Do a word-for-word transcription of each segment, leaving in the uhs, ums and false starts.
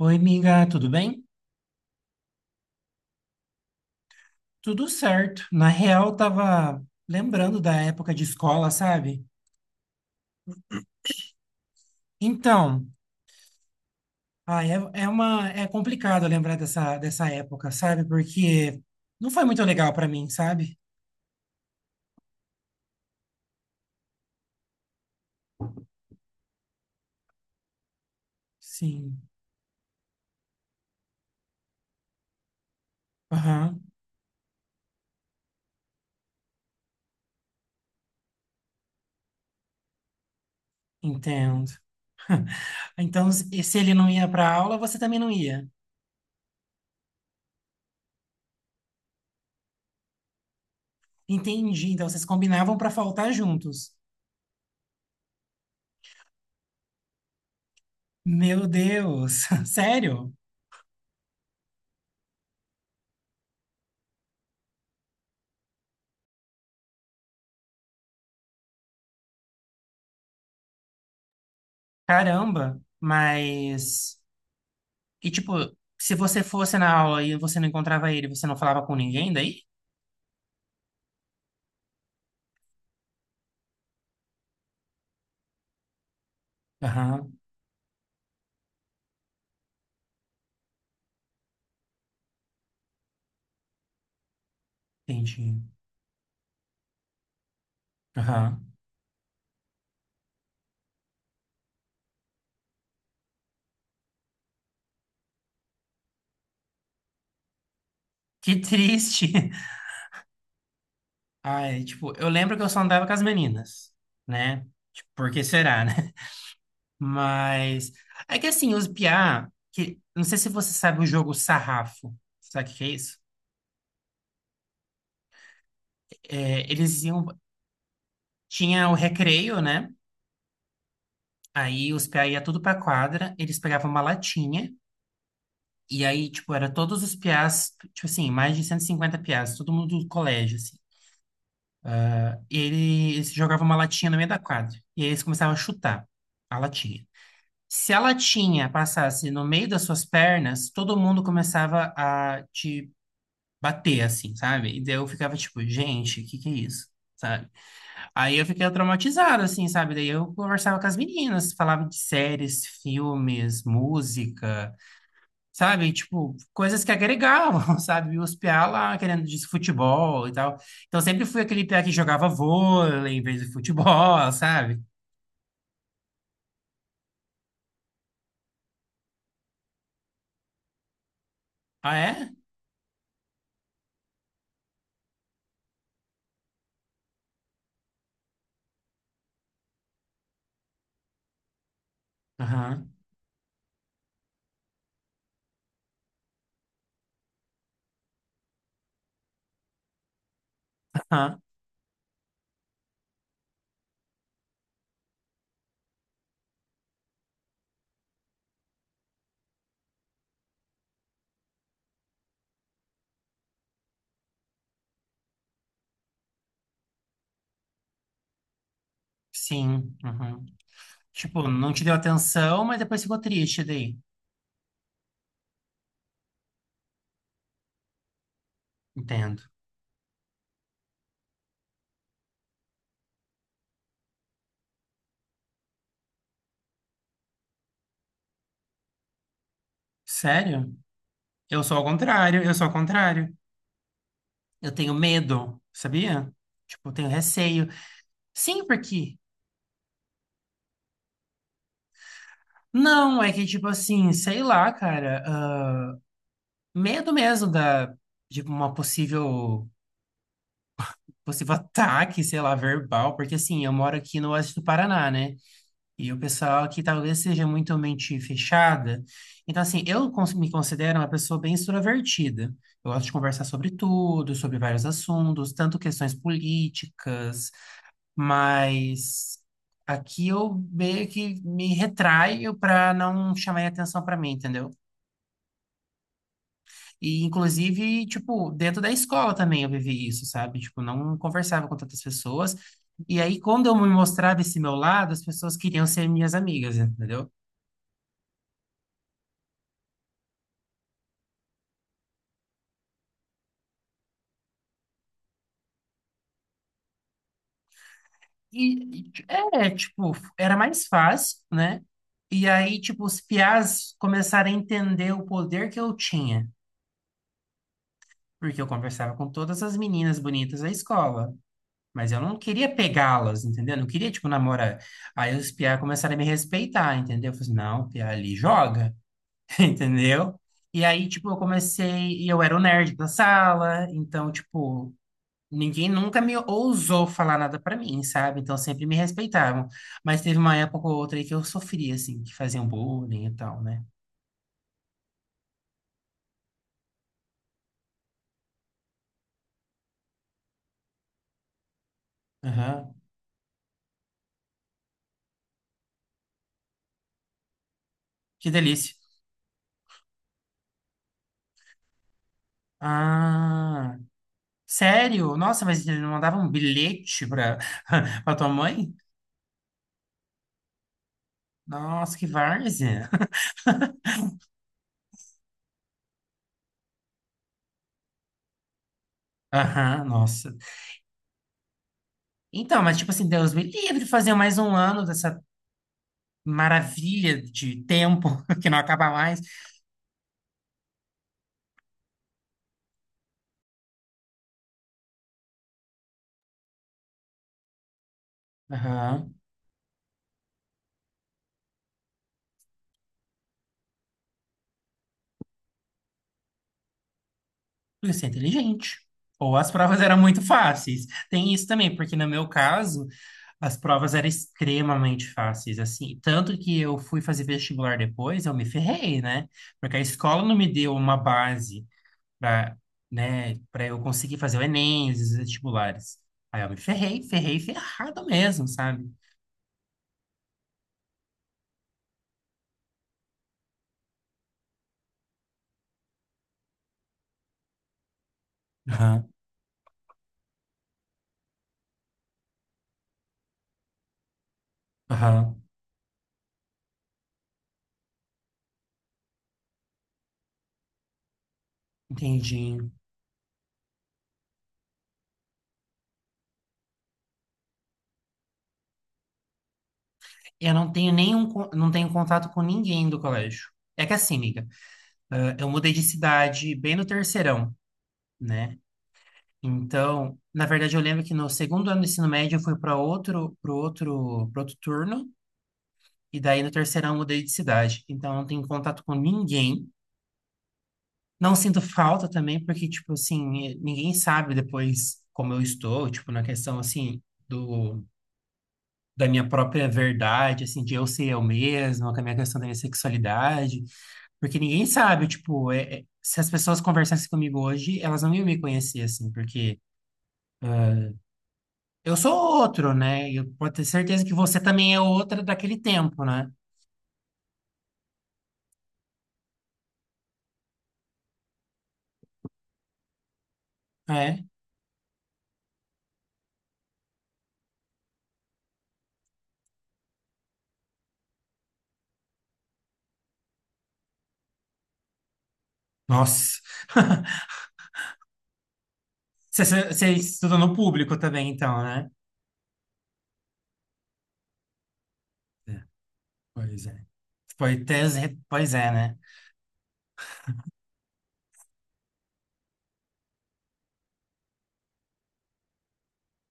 Oi, amiga, tudo bem? Tudo certo. Na real, tava lembrando da época de escola, sabe? Então, ah, é, é uma é complicado lembrar dessa, dessa época, sabe? Porque não foi muito legal pra mim, sabe? Sim. Aham, entendo. Então, se se ele não ia pra aula, você também não ia. Entendi. Então, vocês combinavam pra faltar juntos. Meu Deus, sério? Caramba. Mas E, tipo, se você fosse na aula e você não encontrava ele, você não falava com ninguém daí? Aham, entendi. Aham. Que triste. Ai, tipo, eu lembro que eu só andava com as meninas, né? Tipo, por que será, né? Mas é que assim, os piá, que não sei se você sabe o jogo Sarrafo. Sabe o que que é isso? É, eles iam tinha o recreio, né? Aí os piá ia tudo pra quadra, eles pegavam uma latinha. E aí, tipo, era todos os piás, tipo assim, mais de cento e cinquenta piás, todo mundo do colégio, assim. E ele, eles jogavam uma latinha no meio da quadra. E aí eles começavam a chutar a latinha. Se a latinha passasse no meio das suas pernas, todo mundo começava a te bater, assim, sabe? E daí eu ficava tipo, gente, o que que é isso? Sabe? Aí eu fiquei traumatizado, assim, sabe? Daí eu conversava com as meninas, falava de séries, filmes, música. Sabe? Tipo, coisas que agregavam, sabe? E os PA lá querendo disso futebol e tal. Então sempre fui aquele PA que jogava vôlei em vez de futebol, sabe? Ah, é? Aham, aham, sim, aham. Tipo, não te deu atenção, mas depois ficou triste daí. Entendo. Sério? Eu sou ao contrário, eu sou ao contrário. Eu tenho medo, sabia? Tipo, eu tenho receio. Sim, porque... Não, é que tipo assim, sei lá, cara. Ah, medo mesmo da de uma possível possível ataque, sei lá, verbal, porque assim, eu moro aqui no oeste do Paraná, né? E o pessoal aqui talvez seja muito mente fechada. Então assim, eu cons- me considero uma pessoa bem extrovertida. Eu gosto de conversar sobre tudo, sobre vários assuntos, tanto questões políticas, mas aqui eu meio que me retraio para não chamar atenção para mim, entendeu? E, inclusive, tipo, dentro da escola também eu vivi isso, sabe? Tipo, não conversava com tantas pessoas. E aí, quando eu me mostrava esse meu lado, as pessoas queriam ser minhas amigas, entendeu? E, e, é, tipo, era mais fácil, né? E aí, tipo, os piás começaram a entender o poder que eu tinha. Porque eu conversava com todas as meninas bonitas da escola. Mas eu não queria pegá-las, entendeu? Eu não queria, tipo, namorar. Aí os piá começaram a me respeitar, entendeu? Eu falei, assim, não, o piá ali joga. Entendeu? E aí, tipo, eu comecei, e eu era o nerd da sala, então, tipo, ninguém nunca me ousou falar nada pra mim, sabe? Então, sempre me respeitavam. Mas teve uma época ou outra aí que eu sofria, assim, que faziam bullying e tal, né? Aham. Que delícia. Ah, sério? Nossa, mas eles não mandavam um bilhete pra, pra tua mãe? Nossa, que várzea. Aham, nossa. Então, mas tipo assim, Deus me livre de fazer mais um ano dessa maravilha de tempo que não acaba mais. Aham. Porque você é inteligente. Ou as provas eram muito fáceis. Tem isso também, porque no meu caso, as provas eram extremamente fáceis, assim. Tanto que eu fui fazer vestibular depois, eu me ferrei, né? Porque a escola não me deu uma base para, né, para eu conseguir fazer o Enem, os vestibulares. Aí eu me ferrei, ferrei, ferrado mesmo, sabe? Aham, aham, entendi. Eu não tenho nenhum, con- não tenho contato com ninguém do colégio. É que assim, amiga, ah, eu mudei de cidade bem no terceirão, né? Então, na verdade, eu lembro que no segundo ano do ensino médio eu fui para outro, para outro, para outro turno, e daí no terceirão eu mudei de cidade. Então, eu não tenho contato com ninguém. Não sinto falta também, porque, tipo assim, ninguém sabe depois como eu estou, tipo, na questão, assim, do da minha própria verdade, assim, de eu ser eu mesma, com a minha questão da minha sexualidade, porque ninguém sabe, tipo, é- é- se as pessoas conversassem comigo hoje, elas não iam me conhecer, assim, porque eu sou outro, né? E eu posso ter certeza que você também é outra daquele tempo, né? É. Nossa. Você, você estuda no público também, então, né? É, pois é. Pois, é- pois é, né?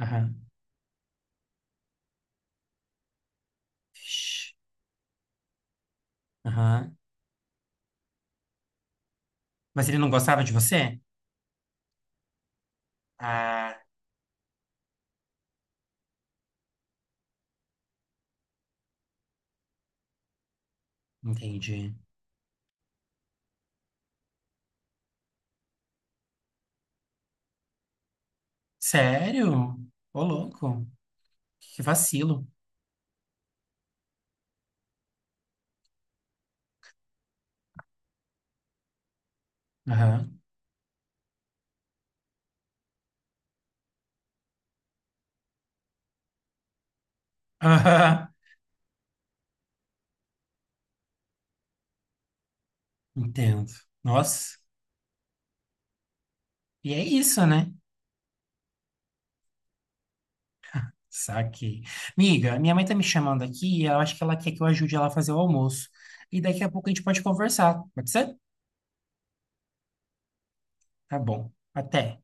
Aham. Ixi. Aham. Mas ele não gostava de você? Ah, entendi. Sério? Ô, louco. Que vacilo. Aham. Aham. Entendo. Nossa. E é isso, né? Saquei. Miga, minha mãe tá me chamando aqui e eu acho que ela quer que eu ajude ela a fazer o almoço. E daqui a pouco a gente pode conversar. Pode ser? Tá bom. Até.